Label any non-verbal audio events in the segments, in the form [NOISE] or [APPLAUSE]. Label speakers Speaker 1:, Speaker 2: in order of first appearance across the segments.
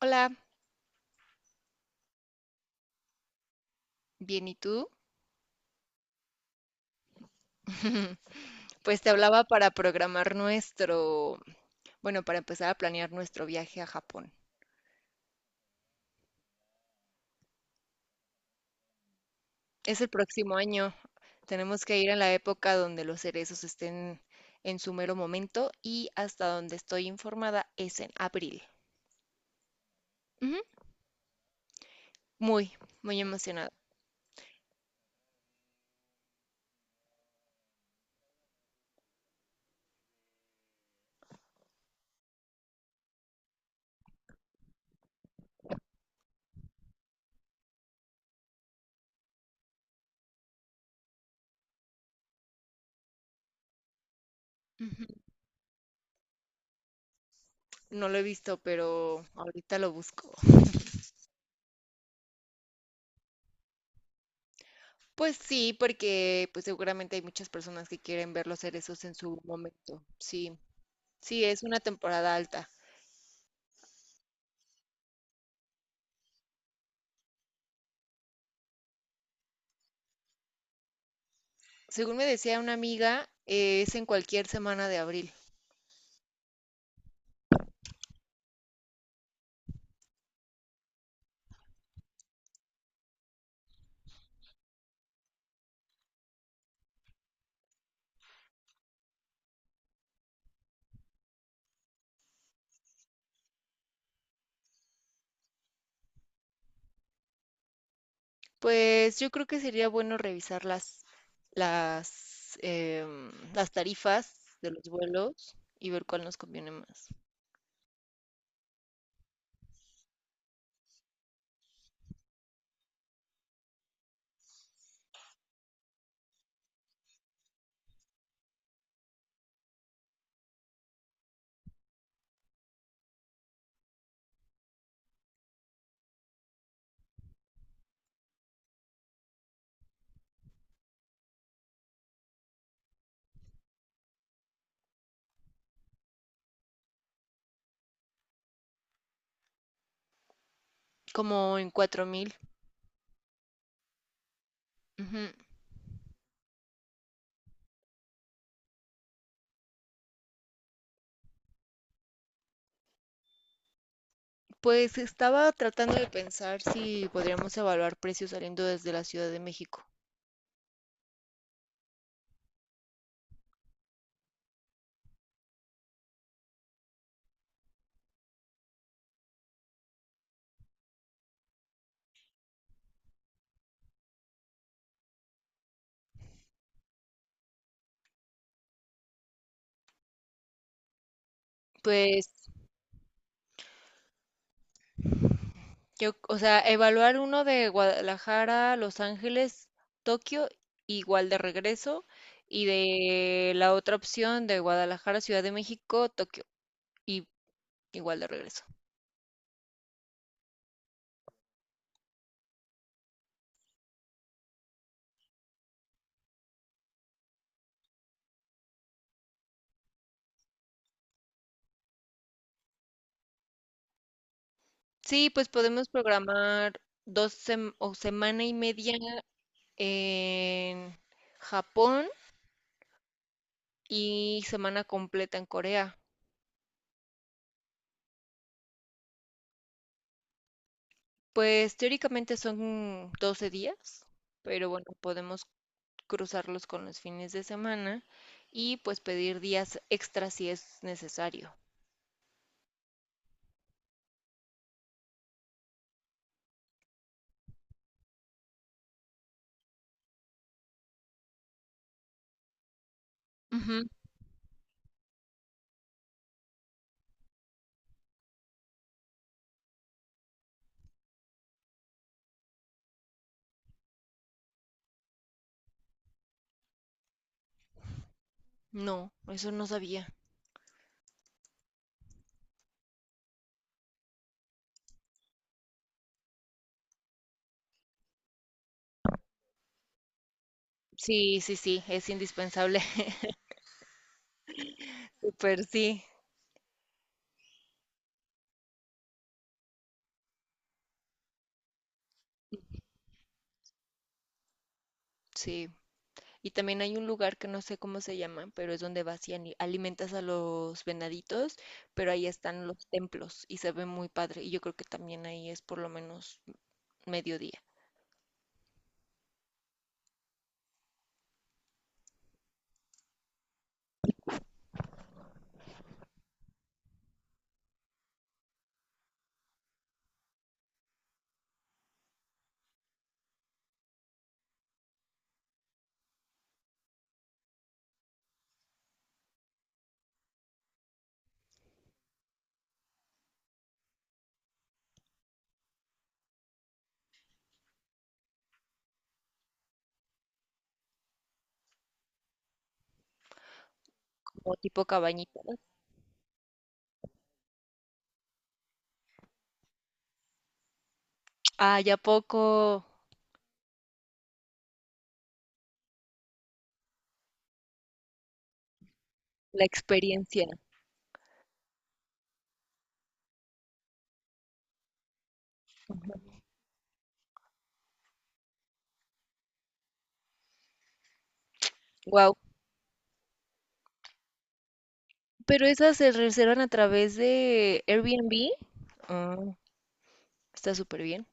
Speaker 1: Hola, bien, ¿y tú? [LAUGHS] Pues te hablaba para programar nuestro, bueno, para empezar a planear nuestro viaje a Japón. Es el próximo año. Tenemos que ir en la época donde los cerezos estén en su mero momento y hasta donde estoy informada es en abril. Ujú. Muy, muy emocionada. Ujú. No lo he visto, pero ahorita lo busco. Pues sí, porque pues seguramente hay muchas personas que quieren ver los cerezos en su momento. Sí, sí, es una temporada alta. Según me decía una amiga, es en cualquier semana de abril. Pues yo creo que sería bueno revisar las tarifas de los vuelos y ver cuál nos conviene más. Como en 4,000. Ujú. Pues estaba tratando de pensar si podríamos evaluar precios saliendo desde la Ciudad de México. Pues yo, o sea, evaluar uno de Guadalajara, Los Ángeles, Tokio, igual de regreso, y de la otra opción de Guadalajara, Ciudad de México, Tokio, y igual de regreso. Sí, pues podemos programar o semana y media en Japón y semana completa en Corea. Pues teóricamente son 12 días, pero bueno, podemos cruzarlos con los fines de semana y pues pedir días extra si es necesario. Ujú. No, eso no sabía. Sí, sí, sí, es indispensable. [LAUGHS] Súper, sí, sí. Y también hay un lugar que no sé cómo se llama, pero es donde vas y alimentas a los venaditos, pero ahí están los templos y se ve muy padre. Y yo creo que también ahí es por lo menos mediodía, como tipo cabañita. Ah, ya poco la experiencia. Guau. Pero esas se reservan a través de Airbnb. Ah, está súper bien.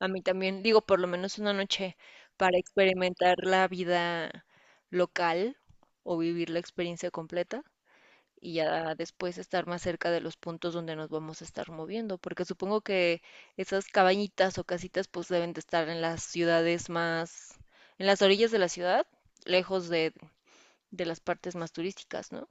Speaker 1: A mí también, digo, por lo menos una noche para experimentar la vida local o vivir la experiencia completa y ya después estar más cerca de los puntos donde nos vamos a estar moviendo, porque supongo que esas cabañitas o casitas pues deben de estar en las ciudades más, en las orillas de la ciudad, lejos de las partes más turísticas, ¿no?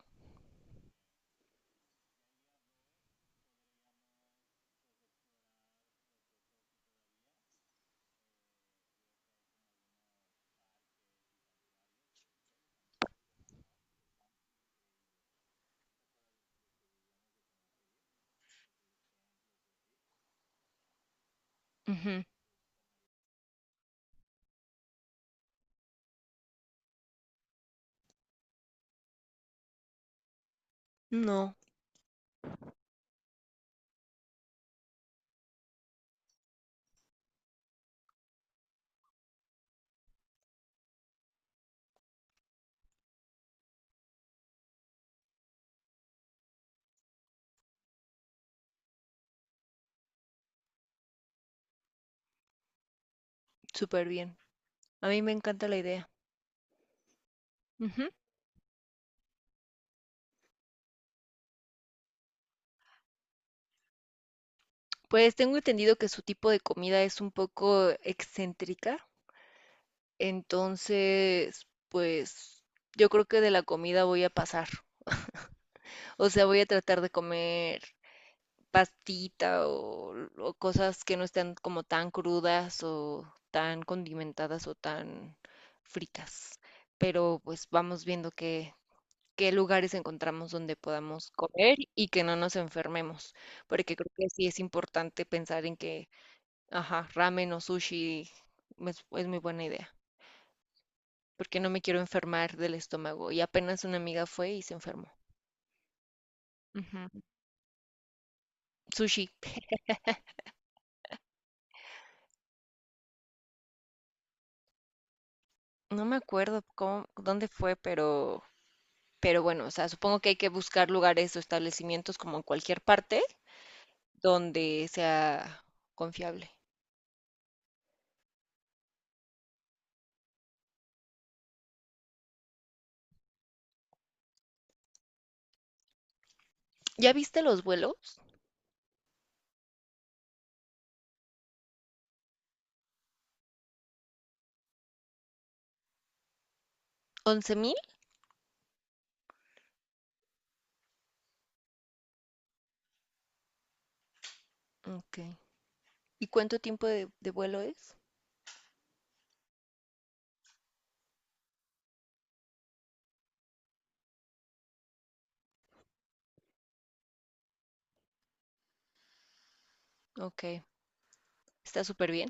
Speaker 1: Ujú. No, súper bien. A mí me encanta la idea. Ujú. Pues tengo entendido que su tipo de comida es un poco excéntrica, entonces, pues yo creo que de la comida voy a pasar. O sea, voy a tratar de comer pastita o cosas que no estén como tan crudas o tan condimentadas o tan fritas. Pero pues vamos viendo qué lugares encontramos donde podamos comer y que no nos enfermemos, porque creo que sí es importante pensar en que, ajá, ramen o sushi es muy buena idea, porque no me quiero enfermar del estómago. Y apenas una amiga fue y se enfermó. Ujú. Sushi, no me acuerdo cómo, dónde fue, pero bueno, o sea, supongo que hay que buscar lugares o establecimientos como en cualquier parte donde sea confiable. ¿Ya viste los vuelos? Once mil. Ok. ¿Y cuánto tiempo de vuelo es? Ok, está súper bien.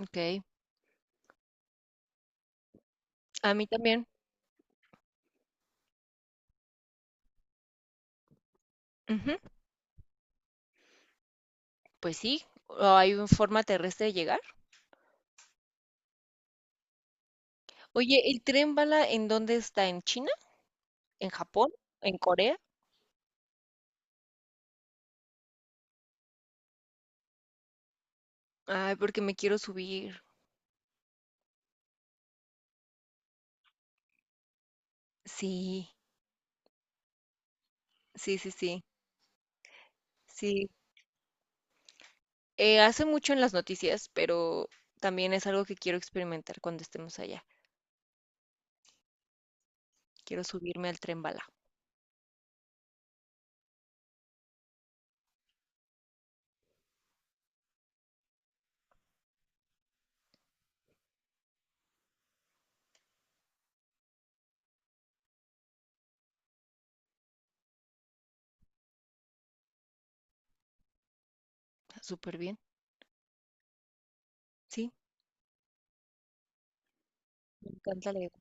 Speaker 1: Ok, a mí también. Ujú. Pues sí, ¿o hay una forma terrestre de llegar? Oye, ¿el tren bala en dónde está? ¿En China? ¿En Japón? ¿En Corea? Ay, porque me quiero subir. Sí, sí, sí, sí, sí. Hace mucho en las noticias, pero también es algo que quiero experimentar cuando estemos allá. Quiero subirme al tren bala. Súper bien. Sí, me encanta la idea.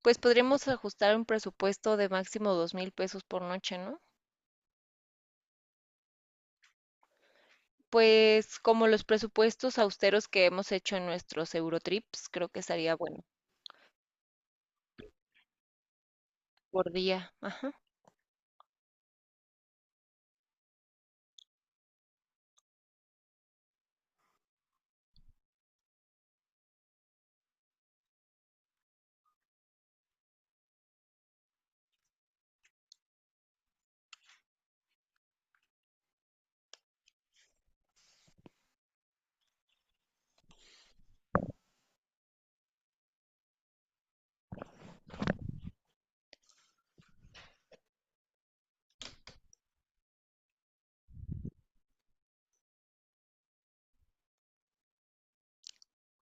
Speaker 1: Pues podríamos ajustar un presupuesto de máximo 2,000 pesos por noche, ¿no? Pues como los presupuestos austeros que hemos hecho en nuestros Eurotrips, creo que estaría bueno por día. Ajá.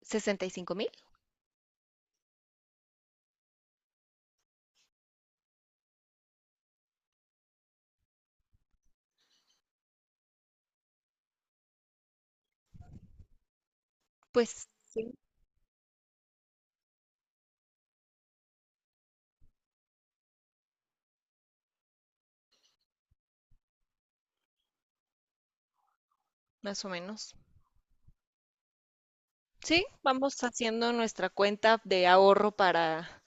Speaker 1: ¿65,000? Pues sí, más o menos. Sí, vamos haciendo nuestra cuenta de ahorro para,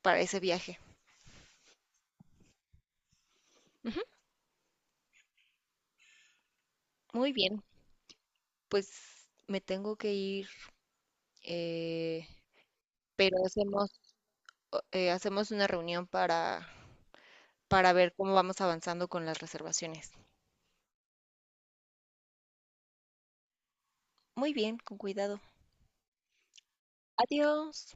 Speaker 1: para ese viaje. Muy bien, pues me tengo que ir, eh, pero hacemos una reunión para ver cómo vamos avanzando con las reservaciones. Muy bien, con cuidado. Adiós.